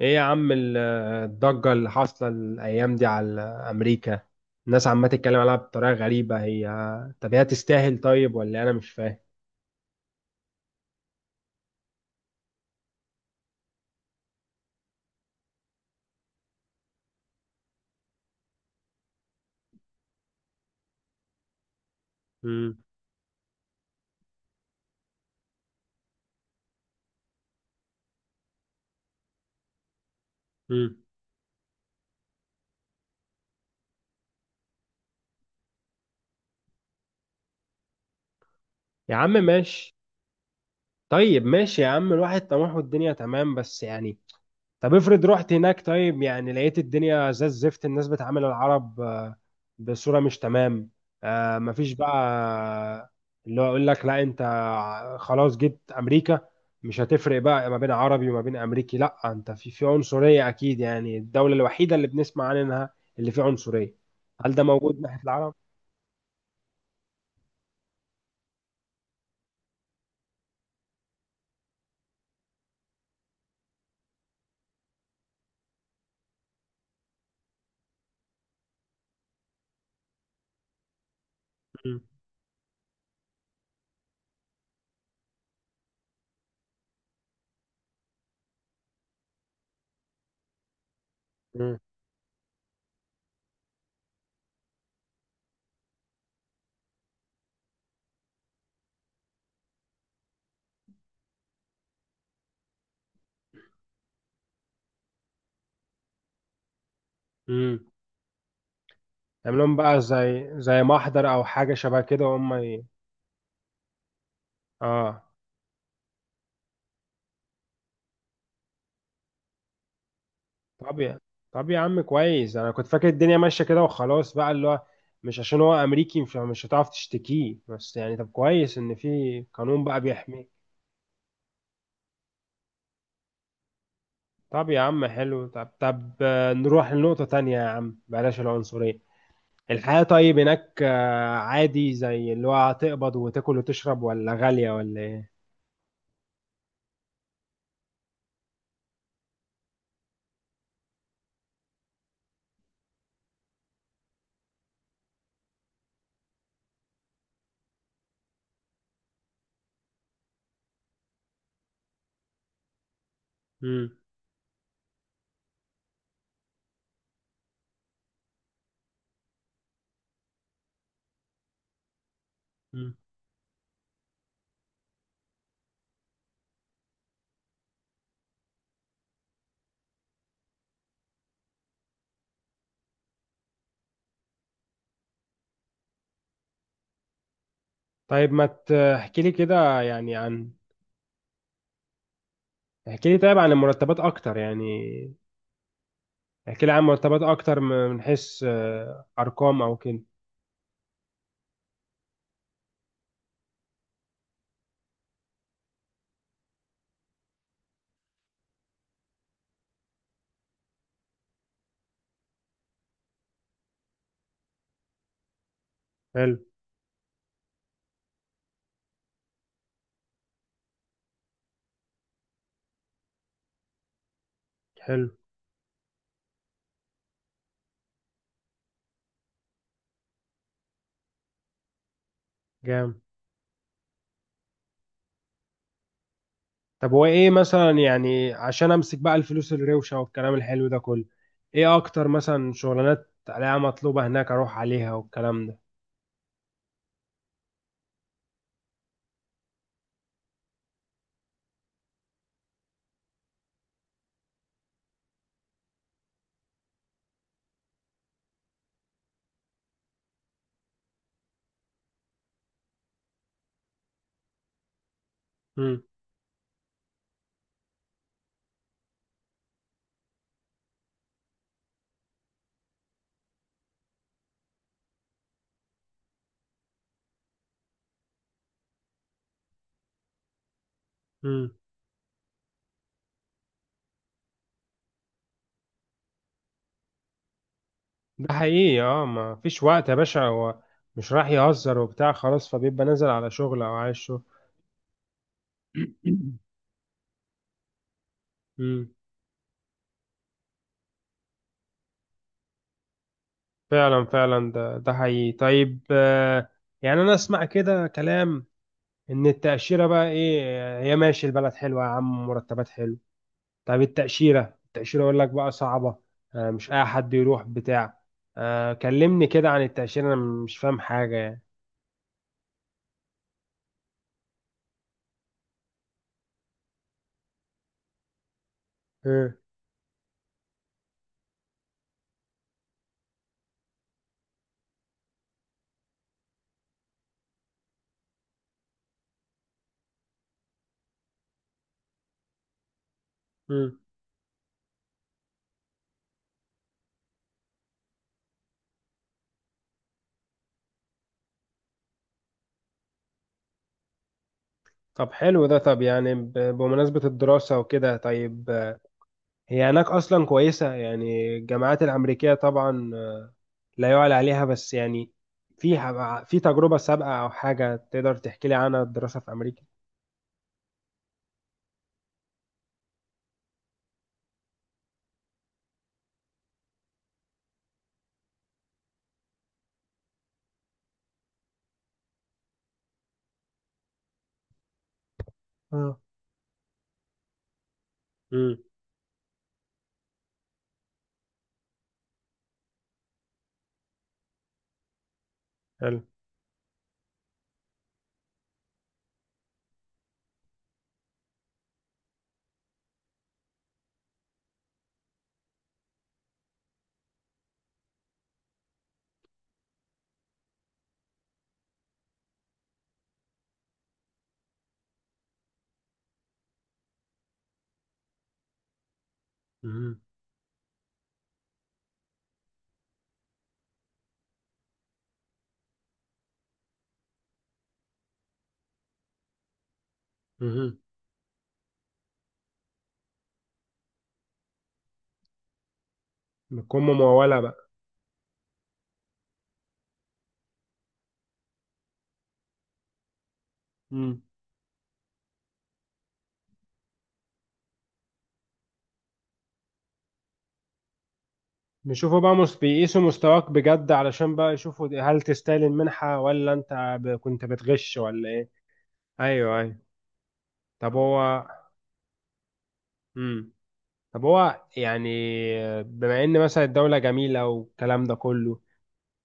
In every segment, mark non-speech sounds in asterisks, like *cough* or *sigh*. ايه يا عم الضجة اللي حاصلة الأيام دي على أمريكا، الناس عمالة تتكلم عليها بطريقة غريبة. هي، طب هي تستاهل طيب، ولا أنا مش فاهم؟ مم. مم. يا عم ماشي. طيب ماشي يا عم، الواحد طموحه الدنيا تمام، بس يعني طب افرض رحت هناك طيب، يعني لقيت الدنيا زي الزفت، الناس بتعامل العرب بصورة مش تمام. آه، مفيش بقى اللي هو يقول لك لا انت، خلاص جيت امريكا، مش هتفرق بقى ما بين عربي وما بين امريكي، لا انت في عنصرية اكيد، يعني الدولة الوحيدة اللي بنسمع عنها اللي فيها عنصرية. هل ده موجود ناحية العرب؟ مم. مم. مم. يعملهم بقى زي محضر او حاجة شبه كده، وهم اه. طب يا طب يا عم كويس، انا كنت فاكر الدنيا ماشيه كده وخلاص بقى، اللي هو مش عشان هو امريكي مش هتعرف تشتكيه، بس يعني طب كويس ان في قانون بقى بيحميه. طب يا عم حلو، طب طب، نروح لنقطه تانية يا عم، بلاش العنصريه. الحياه طيب هناك، عادي زي اللي هو هتقبض وتاكل وتشرب، ولا غاليه ولا ايه؟ مم. مم. طيب، ما تحكي لي كده يعني عن. احكي لي طيب عن المرتبات اكتر يعني. احكي لي عن مرتبات اكتر، من حيث ارقام او كده. حلو. حلو. جامد. طب هو ايه مثلا يعني، عشان امسك بقى الفلوس الروشه والكلام الحلو ده كله؟ ايه اكتر مثلا شغلانات عليها مطلوبه هناك، اروح عليها والكلام ده؟ امم. امم. ده حقيقي، اه، ما فيش وقت يا باشا، هو مش راح يهزر وبتاع خلاص، فبيبقى نازل على شغل او عايز شغل. *clears throat* امم. فعلا فعلا، ده حقيقي، طيب يعني انا اسمع كده كلام ان التأشيرة بقى ايه، هي ماشي البلد حلوة يا عم، مرتبات حلو. طب التأشيرة، يقول لك بقى صعبة، مش اي حد يروح بتاع، كلمني كده عن التأشيرة، انا مش فاهم حاجة يعني. مم. مم. طب حلو ده، طب يعني بمناسبة الدراسة وكده، طيب هي هناك اصلا كويسة يعني، الجامعات الامريكية طبعا، لا يعلى عليها، بس يعني في في تجربة سابقة او حاجة تقدر تحكي لي عنها، الدراسة في امريكا؟ اه. امم. حلو. مهم. مهم. بتكون ممولة بقى؟ امم. بيشوفوا بقى بيقيسوا مستواك بجد، علشان بقى يشوفوا هل تستاهل المنحة، ولا انت كنت بتغش ولا ايه؟ ايوه، ايوه. طب هو. مم. طب هو يعني بما ان مثلا الدولة جميلة والكلام ده كله،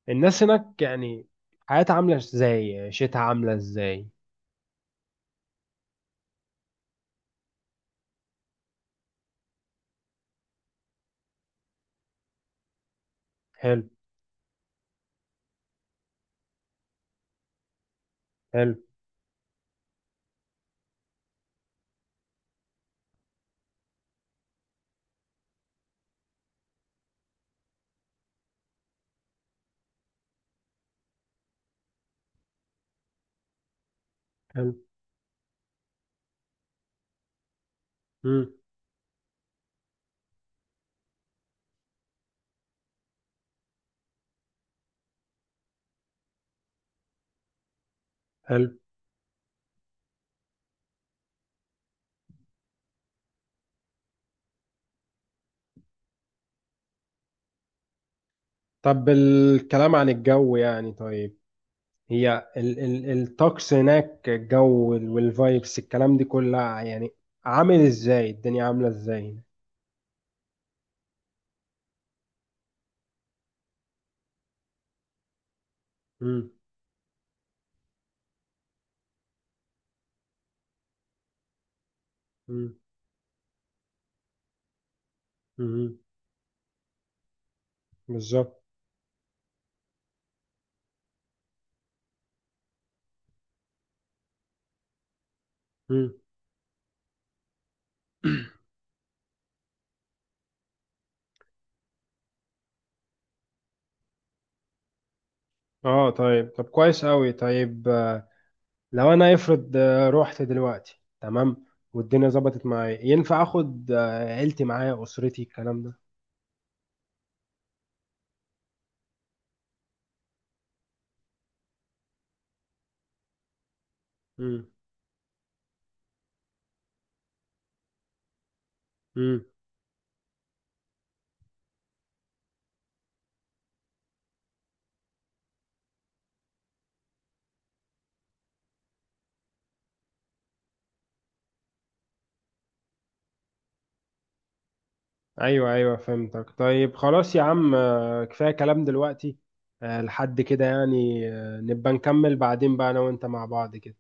الناس هناك يعني حياتها عاملة ازاي، عيشتها عاملة ازاي؟ حلو. حلو. حلو. مم. حلو. طب الكلام عن الجو يعني، طيب هي ال ال الطقس هناك، الجو والفايبس الكلام دي كلها يعني، عامل ازاي الدنيا عاملة ازاي هنا؟ مم، مم، مم، بالظبط. مم. اه، طيب طب كويس قوي، طيب لو انا افرض رحت دلوقتي تمام، والدنيا ظبطت معايا، ينفع اخد عيلتي معايا، اسرتي، الكلام ده؟ مم، مم. ايوه ايوه، فهمتك، طيب خلاص يا عم، كفايه كلام دلوقتي، لحد كده يعني، نبقى نكمل بعدين بقى انا وانت مع بعض كده.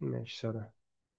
ماشي، سلام.